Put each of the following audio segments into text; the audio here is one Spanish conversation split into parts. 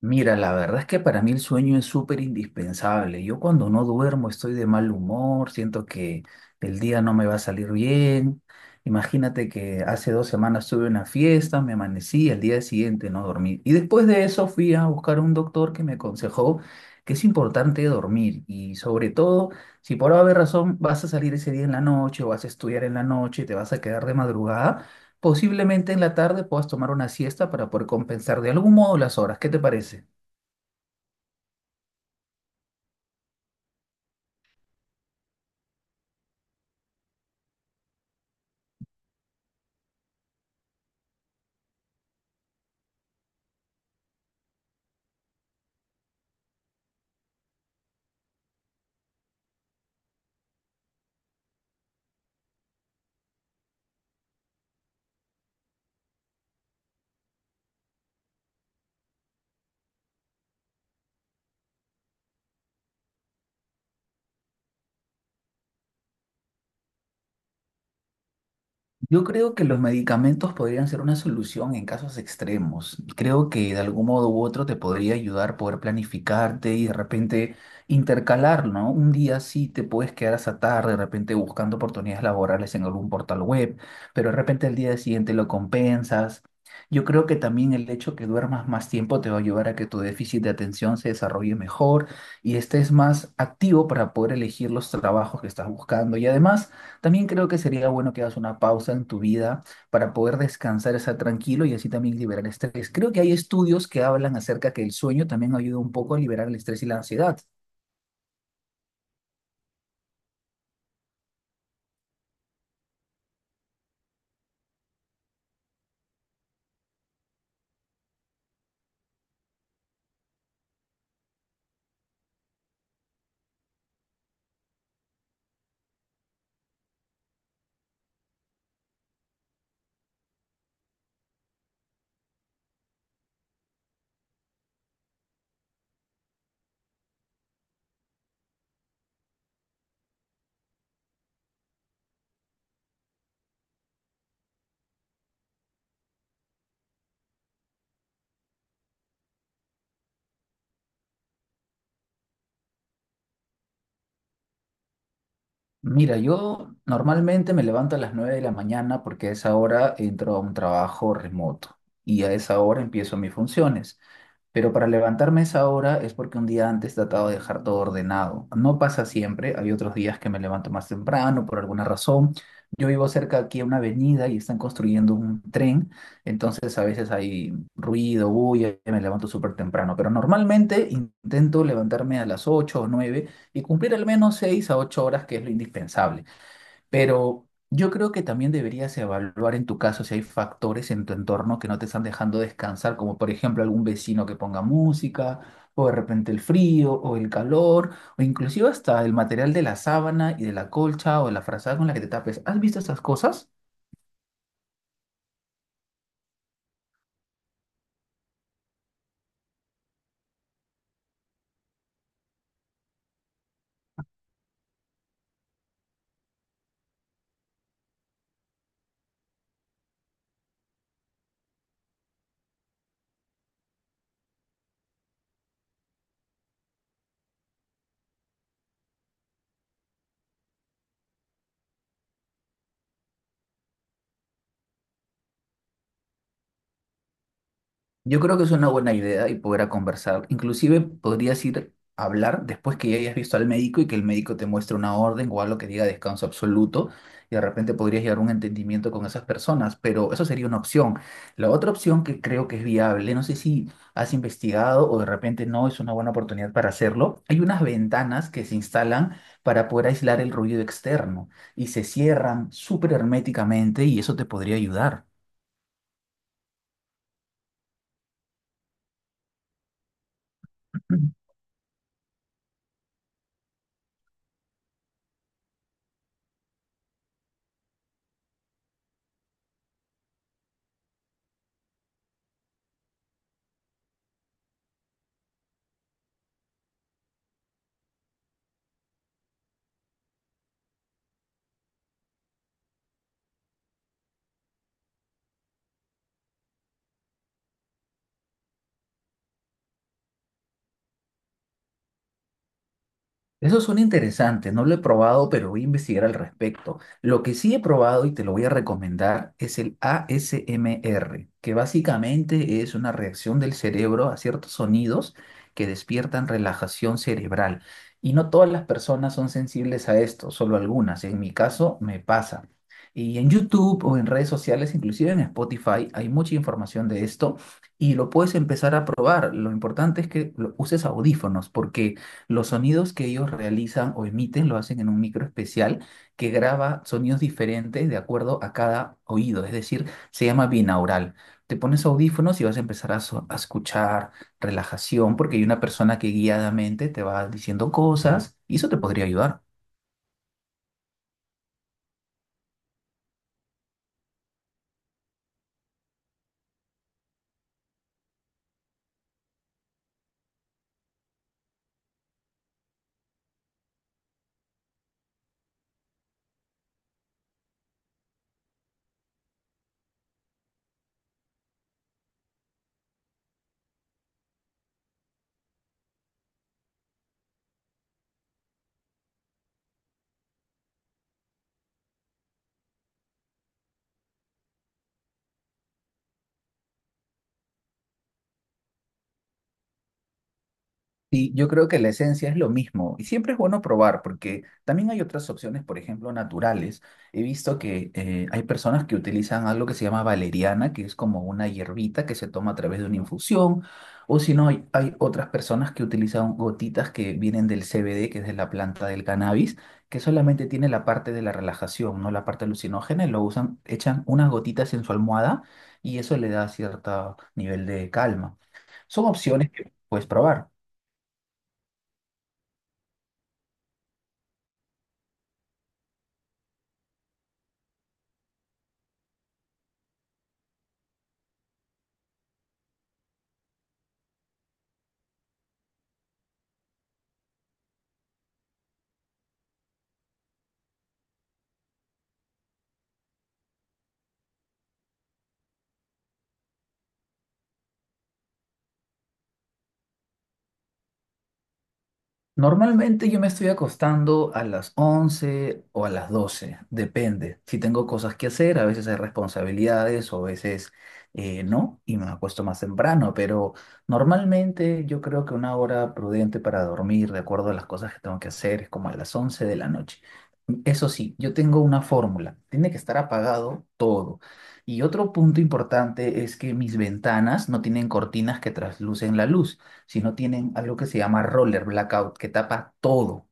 Mira, la verdad es que para mí el sueño es súper indispensable. Yo cuando no duermo estoy de mal humor, siento que el día no me va a salir bien. Imagínate que hace 2 semanas tuve una fiesta, me amanecí, al día siguiente no dormí. Y después de eso fui a buscar un doctor que me aconsejó que es importante dormir y, sobre todo, si por haber razón vas a salir ese día en la noche o vas a estudiar en la noche y te vas a quedar de madrugada, posiblemente en la tarde puedas tomar una siesta para poder compensar de algún modo las horas. ¿Qué te parece? Yo creo que los medicamentos podrían ser una solución en casos extremos. Creo que de algún modo u otro te podría ayudar a poder planificarte y de repente intercalar, ¿no? Un día sí te puedes quedar hasta tarde, de repente buscando oportunidades laborales en algún portal web, pero de repente el día siguiente lo compensas. Yo creo que también el hecho que duermas más tiempo te va a ayudar a que tu déficit de atención se desarrolle mejor y estés más activo para poder elegir los trabajos que estás buscando. Y además... también creo que sería bueno que hagas una pausa en tu vida para poder descansar, estar tranquilo y así también liberar estrés. Creo que hay estudios que hablan acerca que el sueño también ayuda un poco a liberar el estrés y la ansiedad. Mira, yo normalmente me levanto a las 9 de la mañana porque a esa hora entro a un trabajo remoto y a esa hora empiezo mis funciones. Pero para levantarme esa hora es porque un día antes he tratado de dejar todo ordenado. No pasa siempre, hay otros días que me levanto más temprano por alguna razón. Yo vivo cerca aquí a una avenida y están construyendo un tren, entonces a veces hay ruido, bulla, y me levanto súper temprano. Pero normalmente intento levantarme a las 8 o 9 y cumplir al menos 6 a 8 horas, que es lo indispensable. Pero yo creo que también deberías evaluar en tu caso si hay factores en tu entorno que no te están dejando descansar, como por ejemplo algún vecino que ponga música, o de repente el frío, o el calor, o inclusive hasta el material de la sábana y de la colcha o de la frazada con la que te tapes. ¿Has visto estas cosas? Yo creo que es una buena idea y poder a conversar. Inclusive podrías ir a hablar después que ya hayas visto al médico y que el médico te muestre una orden o algo que diga descanso absoluto, y de repente podrías llegar a un entendimiento con esas personas, pero eso sería una opción. La otra opción que creo que es viable, no sé si has investigado o de repente no es una buena oportunidad para hacerlo, hay unas ventanas que se instalan para poder aislar el ruido externo y se cierran súper herméticamente, y eso te podría ayudar. Esos son interesantes, no lo he probado, pero voy a investigar al respecto. Lo que sí he probado y te lo voy a recomendar es el ASMR, que básicamente es una reacción del cerebro a ciertos sonidos que despiertan relajación cerebral. Y no todas las personas son sensibles a esto, solo algunas. En mi caso me pasa. Y en YouTube o en redes sociales, inclusive en Spotify, hay mucha información de esto y lo puedes empezar a probar. Lo importante es que uses audífonos porque... los sonidos que ellos realizan o emiten lo hacen en un micro especial que graba sonidos diferentes de acuerdo a cada oído, es decir, se llama binaural. Te pones audífonos y vas a empezar a escuchar relajación porque hay una persona que guiadamente te va diciendo cosas y eso te podría ayudar. Sí, yo creo que la esencia es lo mismo y siempre es bueno probar porque también hay otras opciones, por ejemplo, naturales. He visto que hay personas que utilizan algo que se llama valeriana, que es como una hierbita que se toma a través de una infusión, o si no, hay otras personas que utilizan gotitas que vienen del CBD, que es de la planta del cannabis, que solamente tiene la parte de la relajación, no la parte alucinógena, y lo usan, echan unas gotitas en su almohada y eso le da cierto nivel de calma. Son opciones que puedes probar. Normalmente yo me estoy acostando a las 11 o a las 12, depende. Si tengo cosas que hacer, a veces hay responsabilidades, o a veces no, y me acuesto más temprano, pero normalmente yo creo que una hora prudente para dormir, de acuerdo a las cosas que tengo que hacer, es como a las 11 de la noche. Eso sí, yo tengo una fórmula: tiene que estar apagado todo. Y otro punto importante es que mis ventanas no tienen cortinas que traslucen la luz, sino tienen algo que se llama roller blackout, que tapa todo.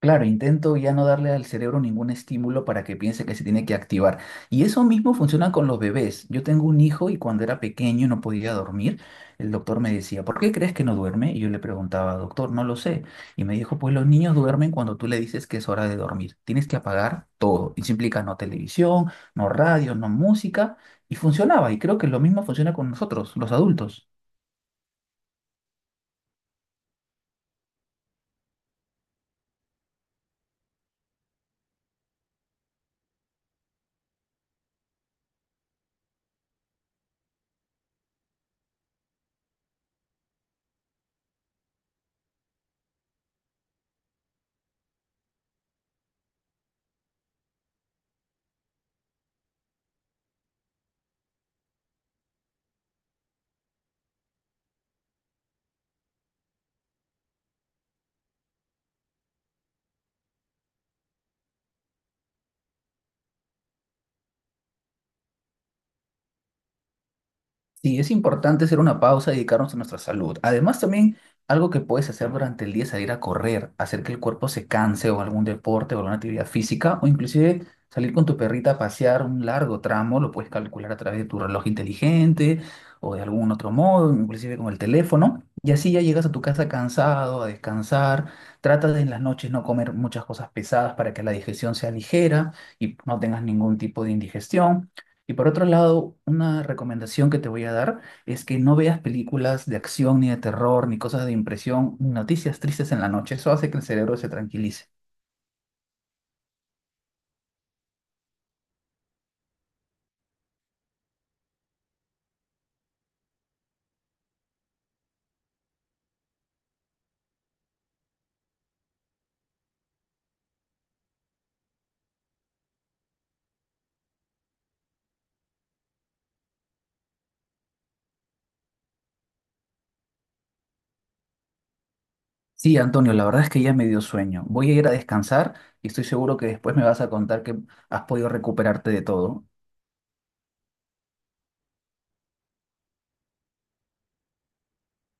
Claro, intento ya no darle al cerebro ningún estímulo para que piense que se tiene que activar. Y eso mismo funciona con los bebés. Yo tengo un hijo y cuando era pequeño no podía dormir. El doctor me decía: ¿por qué crees que no duerme? Y yo le preguntaba: doctor, no lo sé. Y me dijo: pues los niños duermen cuando tú le dices que es hora de dormir. Tienes que apagar todo. Y eso implica no televisión, no radio, no música. Y funcionaba. Y creo que lo mismo funciona con nosotros, los adultos. Sí, es importante hacer una pausa y dedicarnos a nuestra salud. Además, también algo que puedes hacer durante el día es salir a correr, hacer que el cuerpo se canse, o algún deporte o alguna actividad física, o inclusive salir con tu perrita a pasear un largo tramo, lo puedes calcular a través de tu reloj inteligente o de algún otro modo, inclusive con el teléfono, y así ya llegas a tu casa cansado, a descansar. Trata de en las noches no comer muchas cosas pesadas para que la digestión sea ligera y no tengas ningún tipo de indigestión. Y por otro lado, una recomendación que te voy a dar es que no veas películas de acción, ni de terror, ni cosas de impresión, ni noticias tristes en la noche. Eso hace que el cerebro se tranquilice. Sí, Antonio, la verdad es que ya me dio sueño. Voy a ir a descansar y estoy seguro que después me vas a contar que has podido recuperarte de todo.